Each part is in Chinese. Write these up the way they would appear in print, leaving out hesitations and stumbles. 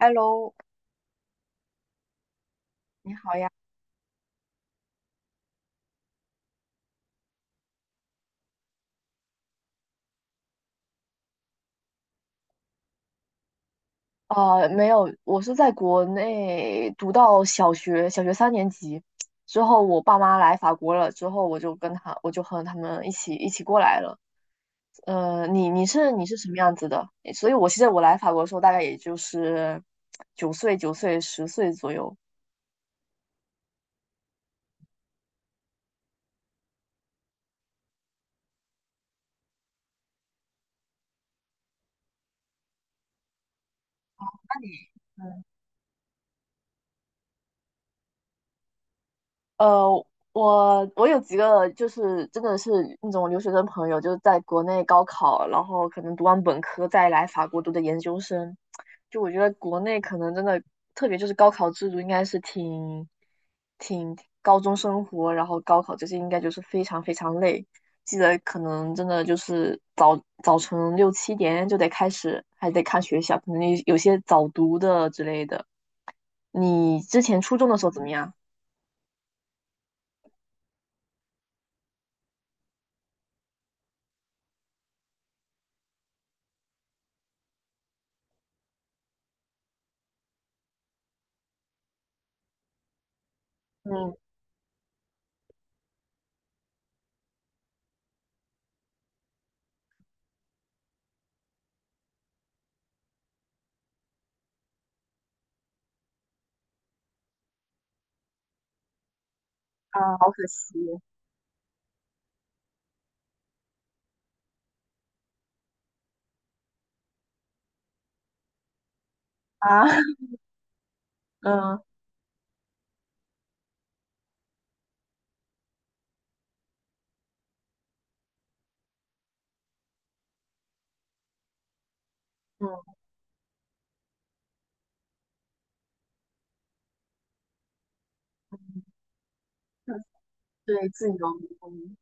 Hello，你好呀。没有，我是在国内读到小学，小学三年级之后，我爸妈来法国了，之后我就和他们一起过来了。你是什么样子的？所以我其实我来法国的时候，大概也就是九岁、十岁左右。那你，嗯呃，我有几个就是真的是那种留学生朋友，就是在国内高考，然后可能读完本科再来法国读的研究生。就我觉得国内可能真的，特别就是高考制度应该是挺高中生活，然后高考这些应该就是非常非常累。记得可能真的就是早晨六七点就得开始，还得看学校，可能有些早读的之类的。你之前初中的时候怎么样？嗯。啊，好可惜啊，嗯嗯，对，自由。嗯，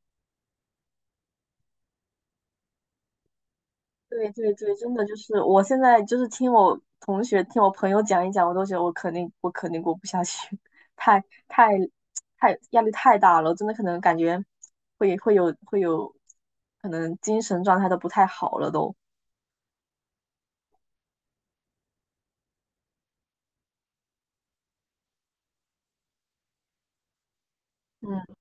对对对，真的就是，我现在就是听我同学、听我朋友讲一讲，我都觉得我肯定过不下去，太太太压力太大了，真的可能感觉会有，可能精神状态都不太好了都。嗯，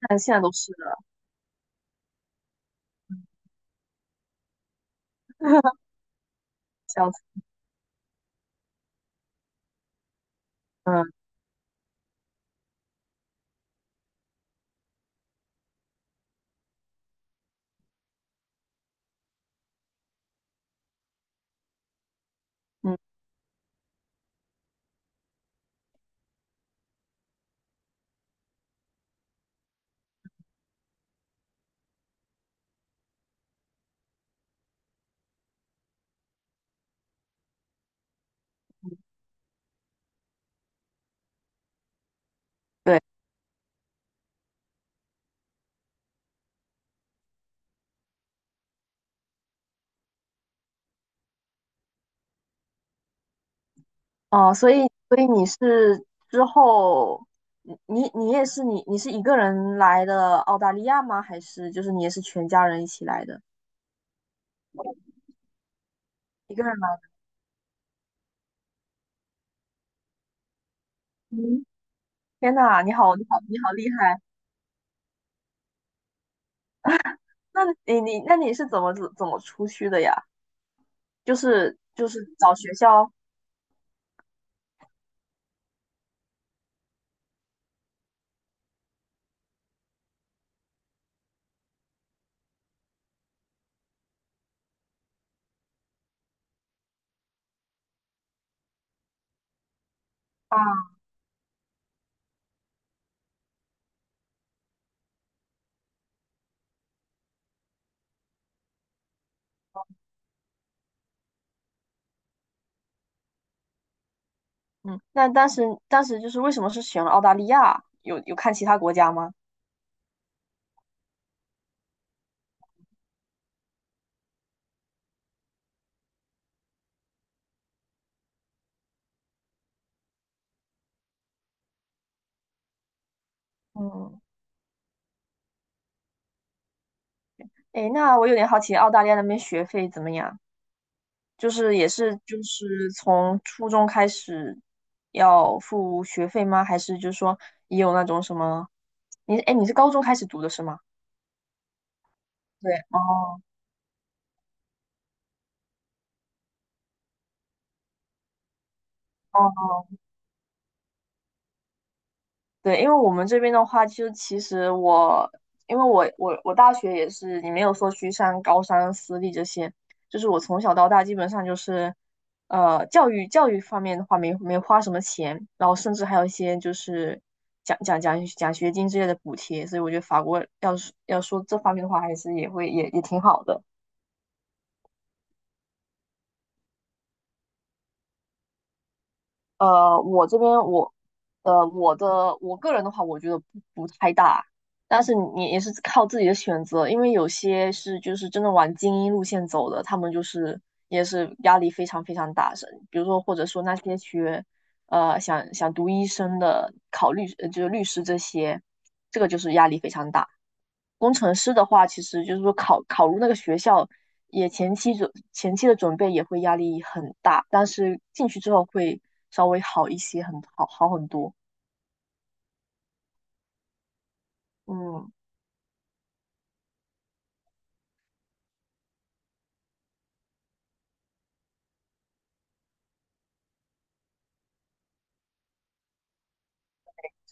但现在都是了，笑死。嗯嗯，哦，所以你是一个人来的澳大利亚吗？还是就是你也是全家人一起来的？一个人来？嗯，天呐，你好你好你好厉害！那那你是怎么出去的呀？就是找学校啊。嗯，那当时就是为什么是选了澳大利亚？有看其他国家吗？嗯，诶，那我有点好奇澳大利亚那边学费怎么样？就是也是就是从初中开始要付学费吗？还是就是说也有那种什么？你是高中开始读的是吗？对，哦哦。对，因为我们这边的话，就其实我，因为我大学也是，你没有说去上高三、私立这些，就是我从小到大基本上就是，教育教育方面的话没花什么钱，然后甚至还有一些就是奖学金之类的补贴，所以我觉得法国要是要说这方面的话，还是也会挺好的。我这边我，我个人的话，我觉得不太大，但是你也是靠自己的选择，因为有些是就是真的往精英路线走的，他们就是也是压力非常非常大，是比如说或者说那些学，想读医生的，就是律师这些，这个就是压力非常大。工程师的话，其实就是说考入那个学校，也前期的准备也会压力很大，但是进去之后会稍微好一些，很好好很多。嗯，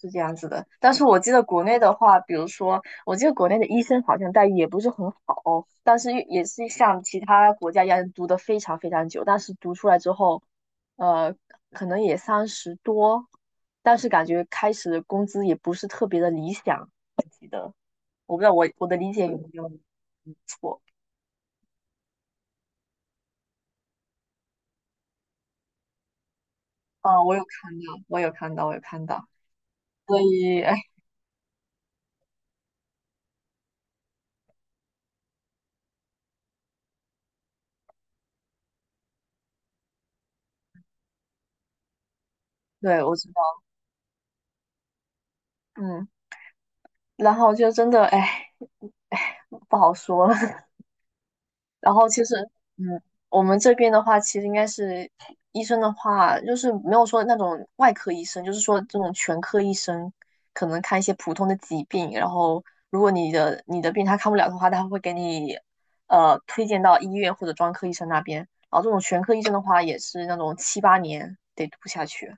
是这样子的。但是我记得国内的话，比如说，我记得国内的医生好像待遇也不是很好，但是也是像其他国家一样读的非常非常久，但是读出来之后，呃，可能也三十多，但是感觉开始的工资也不是特别的理想。我不知道我的理解有没有错啊？我有看到，我有看到，我有看到，所以哎。对，我知道。嗯，然后就真的哎哎不好说了，然后其实，嗯，我们这边的话，其实应该是医生的话，就是没有说那种外科医生，就是说这种全科医生，可能看一些普通的疾病，然后如果你的病他看不了的话，他会给你推荐到医院或者专科医生那边。然后这种全科医生的话，也是那种七八年得读下去。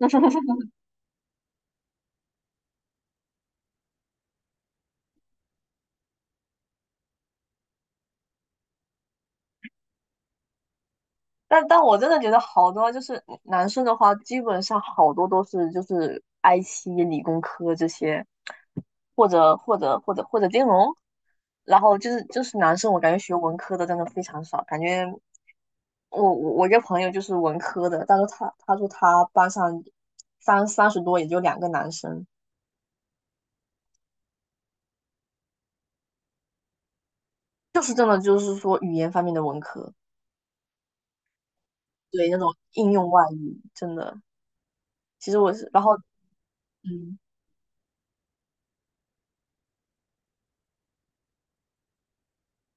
但我真的觉得好多就是男生的话，基本上好多都是就是 IT、理工科这些。或者金融，然后就是男生，我感觉学文科的真的非常少，感觉我一个朋友就是文科的，但是他说他班上三十多也就2个男生，就是真的就是说语言方面的文科，对那种应用外语真的，其实我是然后嗯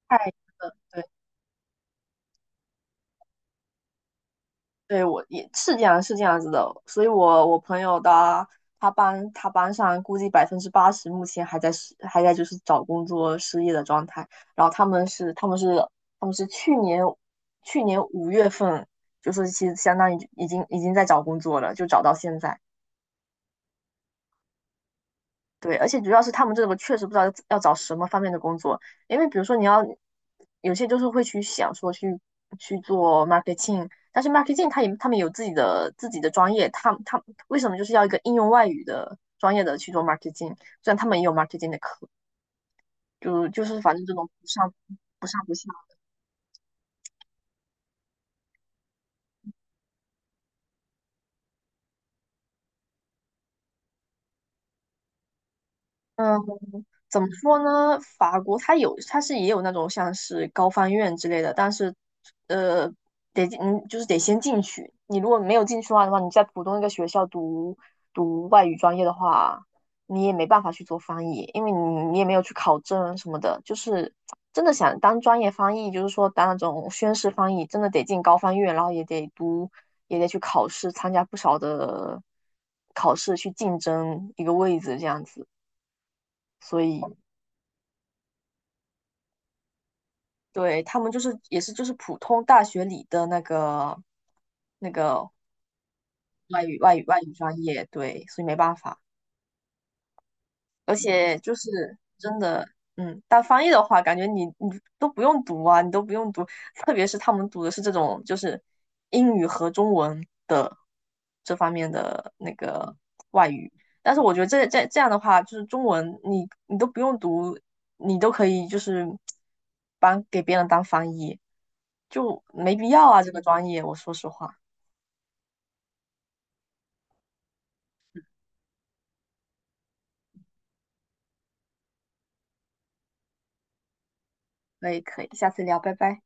太对。对，我也是这样，是这样子的。所以我，我朋友的他班上估计80%目前还在失，还在就是找工作失业的状态。然后他们是去年5月份，就是其实相当于已经在找工作了，就找到现在。对，而且主要是他们这个确实不知道要找什么方面的工作，因为比如说有些就是会去想说去做 marketing，但是 marketing 他们有自己的专业，他为什么就是要一个应用外语的专业的去做 marketing？虽然他们也有 marketing 的课，就是反正这种不上不下，嗯。怎么说呢？法国它有，它是也有那种像是高翻院之类的，但是，呃，得进嗯，就是得先进去。你如果没有进去的话，你在普通一个学校读外语专业的话，你也没办法去做翻译，因为你也没有去考证什么的。就是真的想当专业翻译，就是说当那种宣誓翻译，真的得进高翻院，然后也得读，也得去考试，参加不少的考试去竞争一个位置这样子，所以。对，他们就是也是就是普通大学里的那个外语专业，对，所以没办法。而且就是真的，当翻译的话，感觉你都不用读啊，你都不用读，特别是他们读的是这种就是英语和中文的这方面的那个外语，但是我觉得这样的话，就是中文你都不用读，你都可以就是帮给别人当翻译，就没必要啊，这个专业，我说实话，可以可以，下次聊，拜拜。